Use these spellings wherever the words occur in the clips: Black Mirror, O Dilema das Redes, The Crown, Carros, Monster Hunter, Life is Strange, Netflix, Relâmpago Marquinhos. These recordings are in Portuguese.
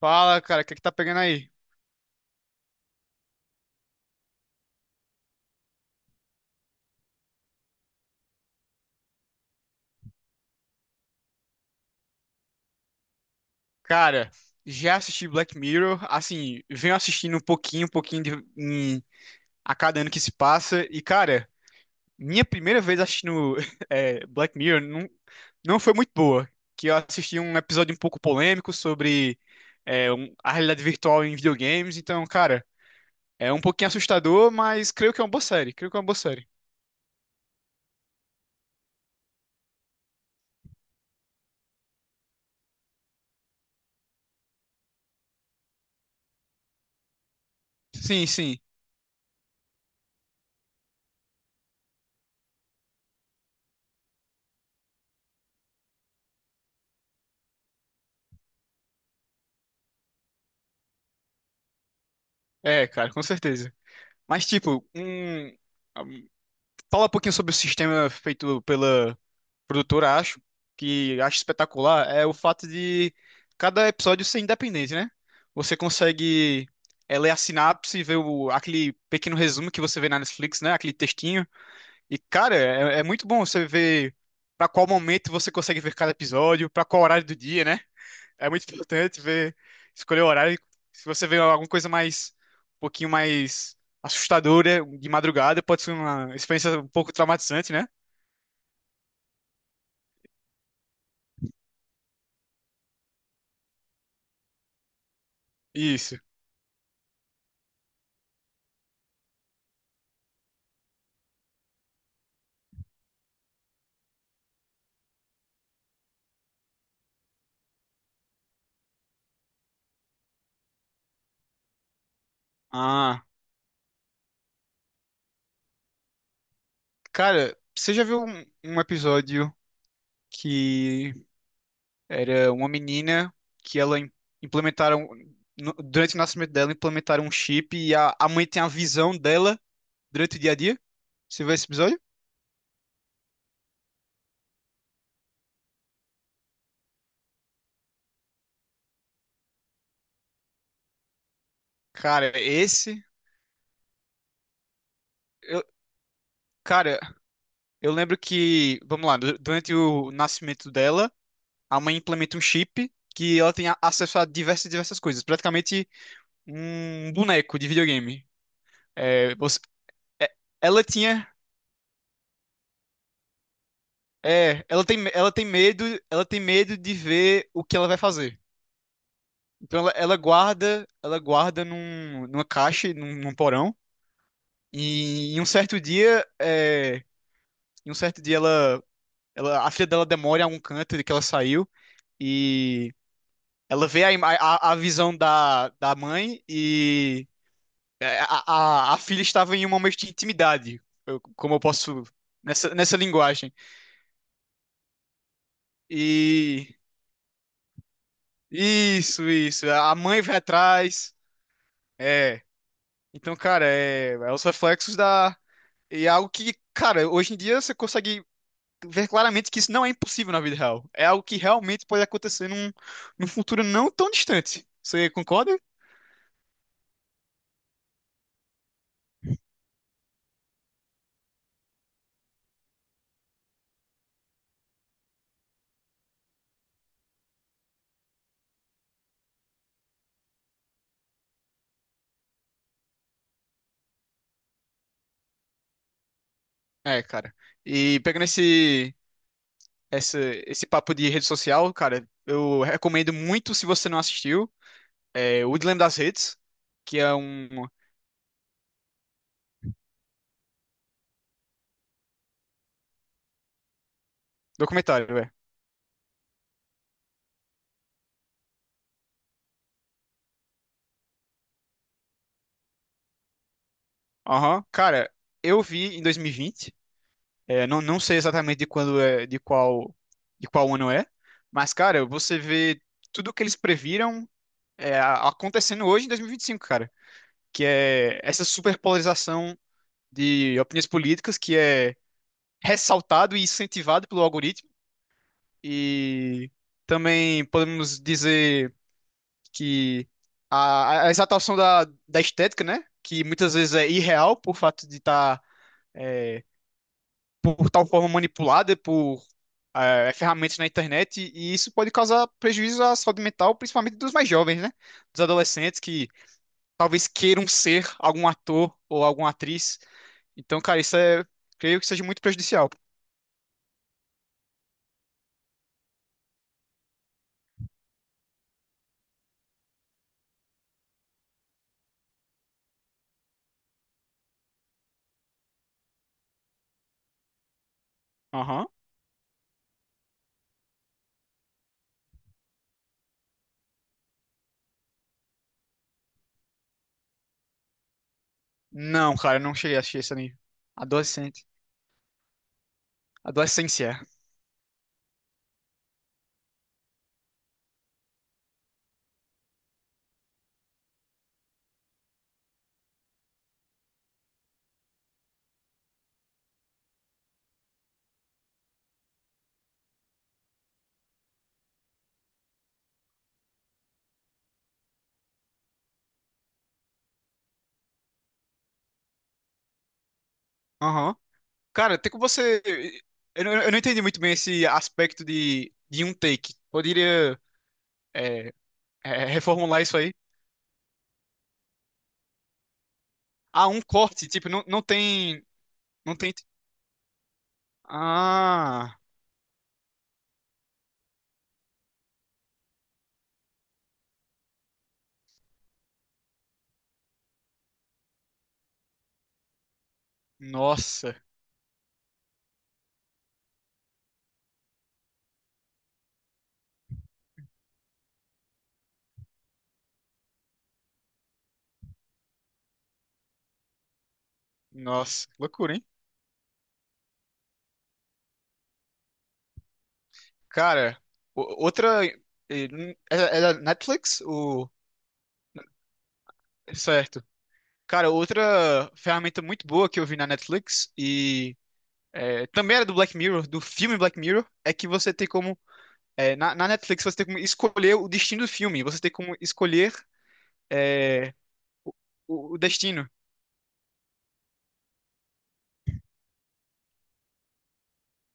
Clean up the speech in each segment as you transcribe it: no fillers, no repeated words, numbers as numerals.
Fala, cara, o que é que tá pegando aí? Cara, já assisti Black Mirror, assim, venho assistindo um pouquinho, a cada ano que se passa, e cara, minha primeira vez assistindo Black Mirror não, não foi muito boa, que eu assisti um episódio um pouco polêmico sobre a realidade virtual em videogames, então, cara, é um pouquinho assustador, mas creio que é uma boa série, creio que é uma boa série. Sim, sim, é, cara, com certeza. Mas, tipo, um- Fala um pouquinho sobre o sistema feito pela produtora, acho, que acho espetacular, é o fato de cada episódio ser independente, né? Você consegue ler a sinapse, ver o, aquele pequeno resumo que você vê na Netflix, né? Aquele textinho. E, cara, é, é muito bom você ver pra qual momento você consegue ver cada episódio, pra qual horário do dia, né? É muito importante ver, escolher o horário. Se você vê alguma coisa mais, um pouquinho mais assustadora de madrugada, pode ser uma experiência um pouco traumatizante, né? Isso. Ah. Cara, você já viu um episódio que era uma menina que implementaram durante o nascimento dela implementaram um chip e a mãe tem a visão dela durante o dia a dia? Você viu esse episódio? Cara, esse eu, cara, eu lembro que, vamos lá, durante o nascimento dela, a mãe implementa um chip que ela tem acesso a diversas diversas coisas, praticamente um boneco de videogame. É, você, é, ela tinha É, ela tem medo de ver o que ela vai fazer. Então ela guarda, numa caixa, num porão. E em um certo dia, é, em um certo dia ela, ela, a filha dela demora em algum canto de que ela saiu e ela vê a visão da mãe e a filha estava em um momento de intimidade, como eu posso nessa linguagem. E isso, isso. A mãe vai atrás. É. Então, cara, é, é os reflexos da. E é algo que, cara, hoje em dia você consegue ver claramente que isso não é impossível na vida real. É algo que realmente pode acontecer num futuro não tão distante. Você concorda? É, cara. E pegando essa, esse papo de rede social, cara, eu recomendo muito, se você não assistiu, O Dilema das Redes, que é um documentário, velho. Aham. Cara, eu vi em 2020. É, não, não sei exatamente de quando é, de qual ano é, mas, cara, você vê tudo que eles previram acontecendo hoje em 2025, cara, que é essa superpolarização de opiniões políticas que é ressaltado e incentivado pelo algoritmo, e também podemos dizer que a exaltação da estética, né, que muitas vezes é irreal por fato de estar por tal forma manipulada por ferramentas na internet, e isso pode causar prejuízo à saúde mental, principalmente dos mais jovens, né? Dos adolescentes que talvez queiram ser algum ator ou alguma atriz. Então, cara, isso é, creio que seja muito prejudicial. Aham. Não, cara, eu não cheguei a assistir esse anime. Adolescente. Adolescência. Aham. Cara, tem como você. Eu não entendi muito bem esse aspecto de um take. Poderia é, reformular isso aí? Ah, um corte. Tipo, não, não tem. Não tem. Ah, nossa, nossa, loucura, hein? Cara, outra. É é da Netflix? O... Certo. Cara, outra ferramenta muito boa que eu vi na Netflix e também era do Black Mirror, do filme Black Mirror, é que você tem como. Na Netflix você tem como escolher o destino do filme, você tem como escolher eh, o, o destino.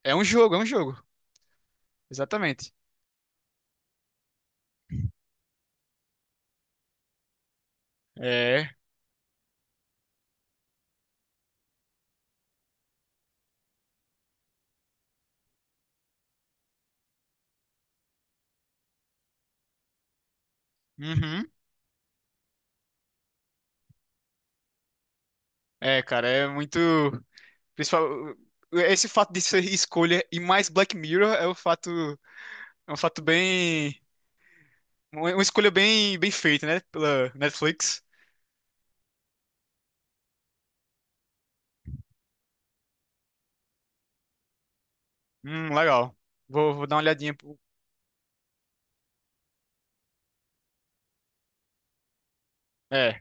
É um jogo, é um jogo. Exatamente. É. Uhum. É, cara, é muito. Principal, esse fato de ser escolha e mais Black Mirror é um fato bem, uma escolha bem, bem feita, né? Pela Netflix. Legal. Vou dar uma olhadinha. É,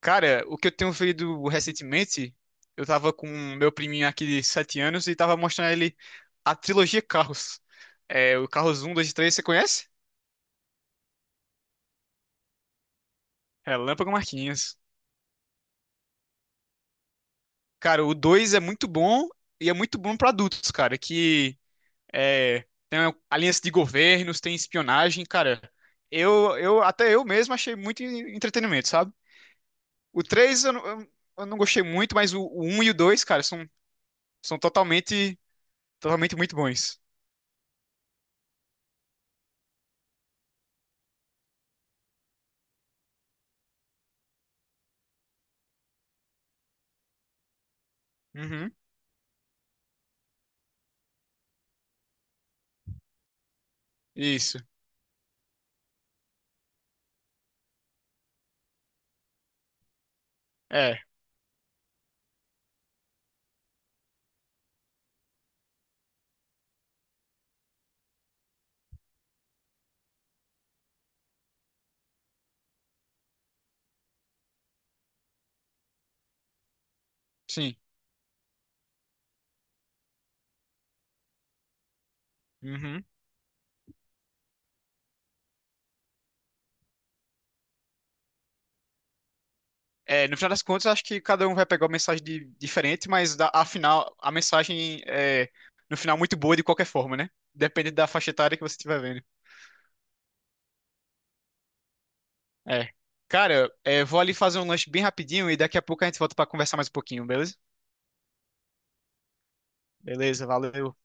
cara, o que eu tenho feito recentemente, eu tava com meu priminho aqui de 7 anos e tava mostrando a ele a trilogia Carros. É, o Carros um 2 e 3 você conhece? Relâmpago Marquinhos. Cara, o 2 é muito bom e é muito bom pra adultos, cara, que é, tem aliança de governos, tem espionagem, cara. Eu até eu mesmo achei muito entretenimento, sabe? O três eu não gostei muito, mas o 1 e o 2 cara, são, são totalmente, totalmente muito bons. Uhum, isso. É, sim. Uhum. É, no final das contas, eu acho que cada um vai pegar uma mensagem diferente, mas da, afinal, a mensagem é, no final, muito boa de qualquer forma, né? Depende da faixa etária que você estiver vendo. É. Cara, é, vou ali fazer um lanche bem rapidinho e daqui a pouco a gente volta pra conversar mais um pouquinho, beleza? Beleza, valeu.